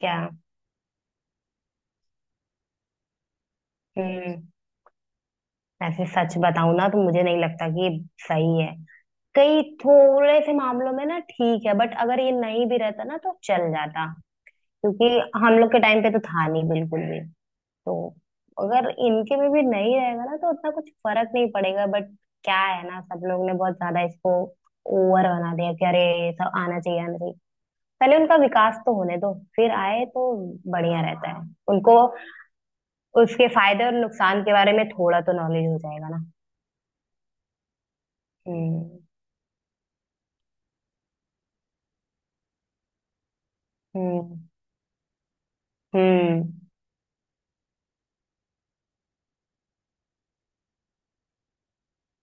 क्या? हम्म। ऐसे सच बताऊं ना तो मुझे नहीं लगता कि ये सही है। कई थोड़े से मामलों में ना ठीक है, बट अगर ये नहीं भी रहता ना तो चल जाता, क्योंकि हम लोग के टाइम पे तो था नहीं बिल्कुल भी। तो अगर इनके में भी नहीं रहेगा ना तो उतना कुछ फर्क नहीं पड़ेगा। बट क्या है ना, सब लोग ने बहुत ज्यादा इसको ओवर बना दिया कि अरे ये सब आना चाहिए आना चाहिए। पहले उनका विकास तो होने दो, फिर आए तो बढ़िया रहता है उनको। उसके फायदे और नुकसान के बारे में थोड़ा तो नॉलेज हो जाएगा ना। हम्म। हम्म। हम्म।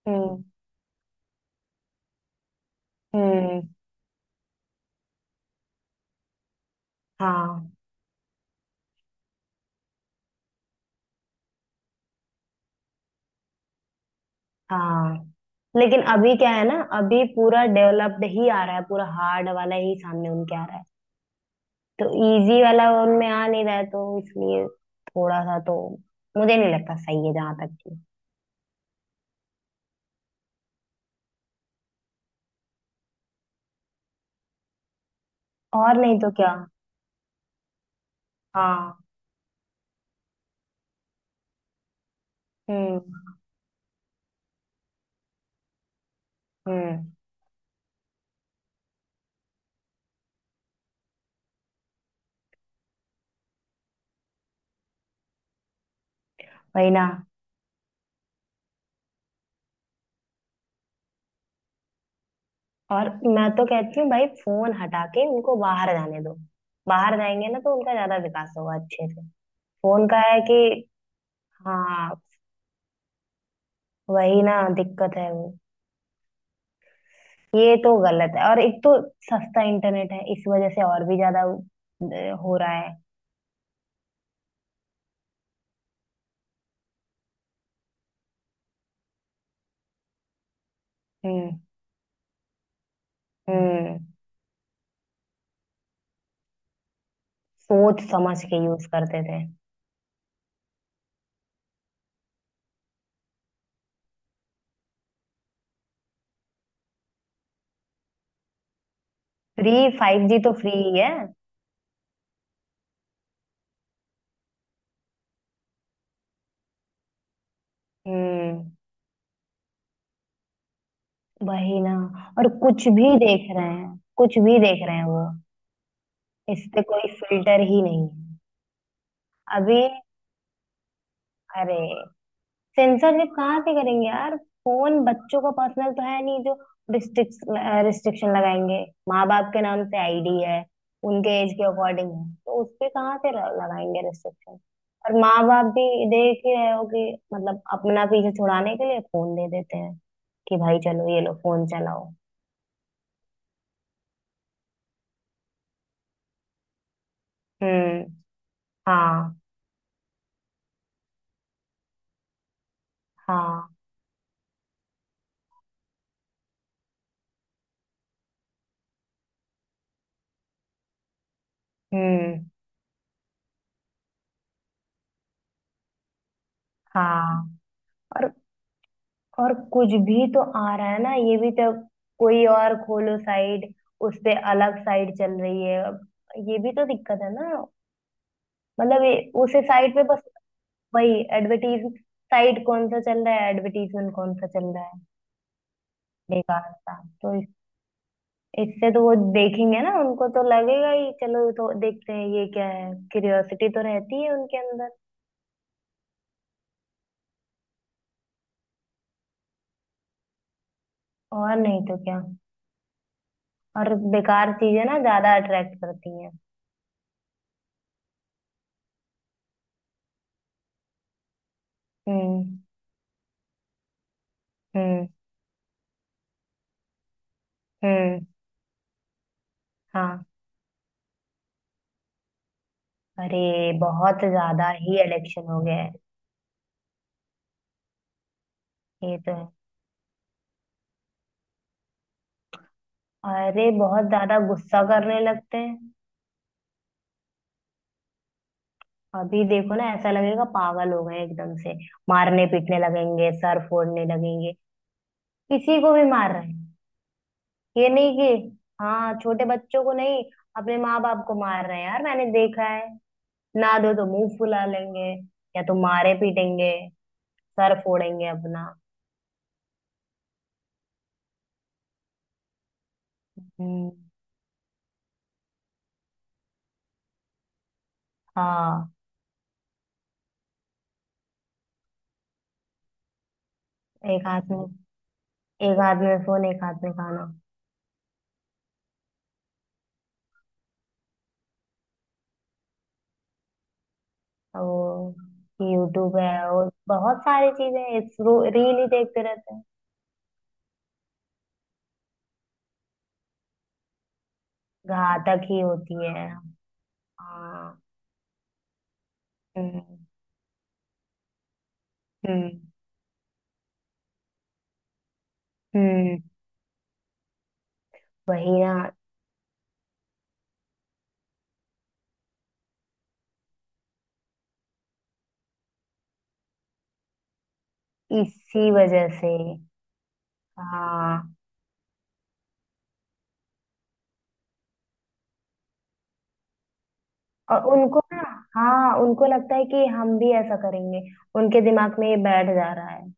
हम्म। हम्म। हाँ। हाँ। लेकिन अभी क्या है ना, अभी पूरा डेवलप्ड ही आ रहा है, पूरा हार्ड वाला ही सामने उनके आ रहा है। तो इजी वाला उनमें आ नहीं रहा है, तो इसलिए थोड़ा सा तो मुझे नहीं लगता सही है जहां तक कि। और नहीं तो क्या। हाँ। हम्म। हम्म। वही ना। और मैं तो कहती हूँ भाई फोन हटा के उनको बाहर जाने दो। बाहर जाएंगे ना तो उनका ज्यादा विकास होगा अच्छे से। फोन का है कि। हाँ। वही ना, दिक्कत है वो। ये तो गलत है, और एक तो सस्ता इंटरनेट है इस वजह से और भी ज्यादा हो रहा है। हम्म। हम्म। सोच समझ के यूज करते थे। फ्री। फाइव जी तो फ्री ही है। हम्म। वही ना। और कुछ भी देख रहे हैं, कुछ भी देख रहे हैं वो। इस पे कोई फिल्टर ही नहीं है। अभी, अरे, सेंसरशिप कहाँ से करेंगे यार। फोन बच्चों का पर्सनल तो है नहीं जो रिस्ट्रिक्स रिस्ट्रिक्शन लगाएंगे। माँ बाप के नाम से आईडी है। उनके एज के अकॉर्डिंग है, तो उस पे कहाँ से लगाएंगे रिस्ट्रिक्शन। और माँ बाप भी देख ही रहे हो कि मतलब अपना पीछे छुड़ाने के लिए फोन दे देते हैं कि भाई चलो ये लो फोन चलाओ। हम्म। हाँ। हाँ। हम्म। हाँ। और और कुछ भी तो आ रहा है ना, ये भी तो। कोई और खोलो साइड, उस पे अलग साइड चल रही है अब। ये भी तो दिक्कत है ना। मतलब ये उस साइड पे बस। वही। एडवर्टीज साइड कौन सा चल रहा है एडवर्टीजमेंट कौन सा चल रहा है, बेकार सा। तो इससे तो वो देखेंगे ना, उनको तो लगेगा ही चलो तो देखते हैं ये क्या है, क्यूरियोसिटी तो रहती है उनके अंदर। और नहीं तो क्या। और बेकार चीजें ना ज्यादा अट्रैक्ट करती हैं। हम्म। हम्म। हम्म। हाँ। अरे बहुत ज्यादा ही इलेक्शन हो गया है। ये तो है। अरे बहुत ज्यादा गुस्सा करने लगते हैं। अभी देखो ना, ऐसा लगेगा पागल हो गए हैं एकदम से। मारने पीटने लगेंगे, सर फोड़ने लगेंगे। किसी को भी मार रहे हैं। ये नहीं कि हाँ छोटे बच्चों को नहीं, अपने माँ बाप को मार रहे हैं यार, मैंने देखा है। ना दो तो मुंह फुला लेंगे, या तो मारे पीटेंगे, सर फोड़ेंगे अपना। हम्म। हाँ। एक हाथ में, एक हाथ में फोन एक हाथ में खाना। और यूट्यूब है और बहुत सारी चीजें हैं। इस रील ही देखते रहते हैं। घातक ही होती है। हाँ। हम्म। हम्म। हम्म। वही ना। इसी वजह से। हाँ। और उनको ना, हाँ उनको लगता है कि हम भी ऐसा करेंगे। उनके दिमाग में ये बैठ जा रहा है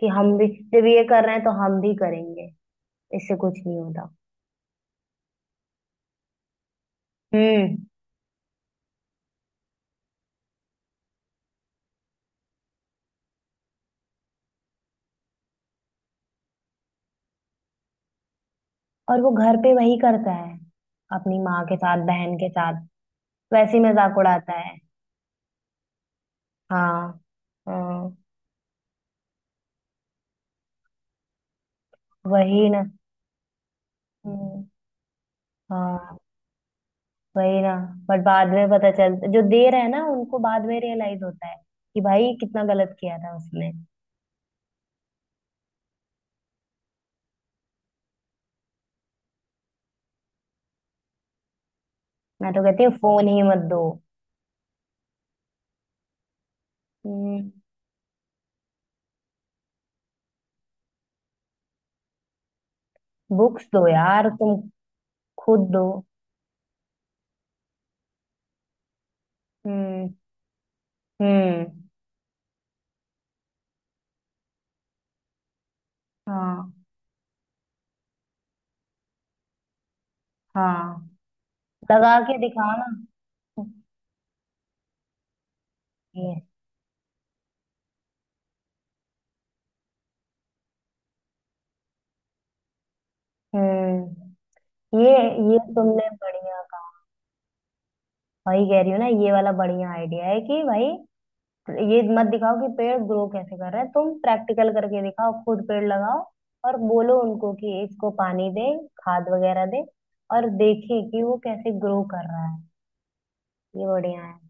कि हम भी, जब ये कर रहे हैं तो हम भी करेंगे, इससे कुछ नहीं होता। हम्म। और वो घर पे वही करता है, अपनी माँ के साथ, बहन के साथ वैसे ही मजाक उड़ाता है। हाँ। हाँ। वही ना। हम्म। हाँ। वही ना। बट बाद में पता चल, जो दे रहे हैं ना उनको बाद में रियलाइज होता है कि भाई कितना गलत किया था उसने। मैं तो कहती हूँ फोन ही मत दो। हम्म। बुक्स दो यार तुम। खुद दो। हम्म। हम्म। हाँ। हाँ। लगा के दिखाओ ना। ये। हम्म। ये ये तुमने बढ़िया कहा। वही कह रही हूँ ना, ये वाला बढ़िया आइडिया है कि भाई ये मत दिखाओ कि पेड़ ग्रो कैसे कर रहा है, तुम प्रैक्टिकल करके दिखाओ, खुद पेड़ लगाओ। और बोलो उनको कि इसको पानी दे, खाद वगैरह दे, और देखे कि वो कैसे ग्रो कर रहा है। ये बढ़िया है।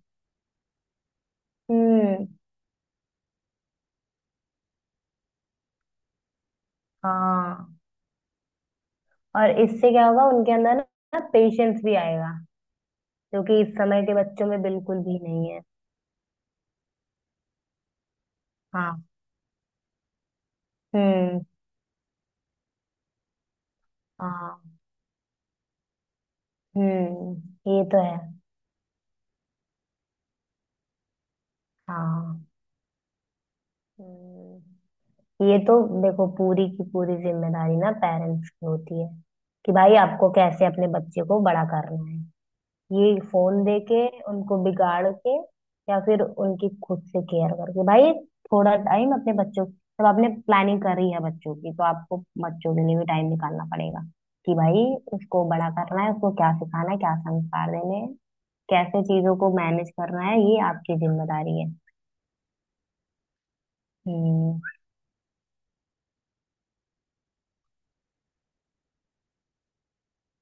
हम्म। हाँ। और इससे क्या होगा उनके अंदर ना, पेशेंस भी आएगा, जो कि इस समय के बच्चों में बिल्कुल भी नहीं है। हाँ। हम्म। हाँ। हम्म। ये तो है। हाँ। हम्म। ये तो। देखो, पूरी की पूरी जिम्मेदारी ना पेरेंट्स की होती है कि भाई आपको कैसे अपने बच्चे को बड़ा करना है, ये फोन दे के उनको बिगाड़ के, या फिर उनकी खुद से केयर करके। भाई थोड़ा टाइम अपने बच्चों, जब आपने प्लानिंग करी है बच्चों की, तो आपको बच्चों के लिए भी टाइम निकालना पड़ेगा। कि भाई उसको बड़ा करना है, उसको क्या सिखाना है, क्या संस्कार देने हैं, कैसे चीजों को मैनेज करना है, ये आपकी जिम्मेदारी है। हम्म।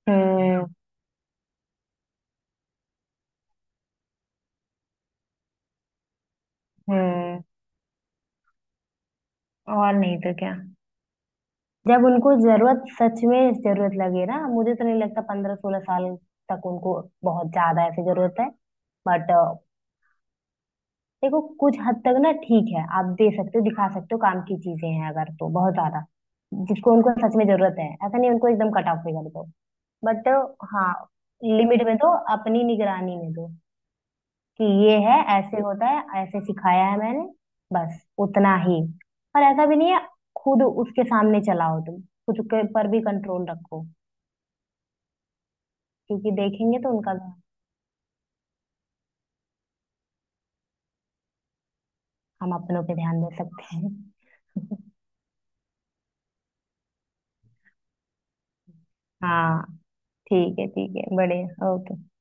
हम्म। हम्म। और नहीं तो क्या। जब उनको जरूरत, सच में जरूरत लगे ना, मुझे तो नहीं लगता 15-16 साल तक उनको बहुत ज्यादा ऐसी जरूरत है। बट देखो कुछ हद तक ना ठीक है, आप दे सकते हो, दिखा सकते हो, काम की चीजें हैं अगर, तो बहुत ज्यादा जिसको उनको सच में जरूरत है, ऐसा नहीं उनको एकदम कट ऑफ कर दो। बट हाँ, लिमिट में दो, अपनी निगरानी में दो। कि ये है, ऐसे होता है, ऐसे सिखाया है मैंने, बस उतना ही। और ऐसा भी नहीं है, खुद उसके सामने चलाओ तुम, खुद के पर भी कंट्रोल रखो। क्योंकि देखेंगे तो उनका, हम अपनों पे ध्यान दे सकते हैं। हाँ। ठीक है, ठीक है, बढ़िया, ओके।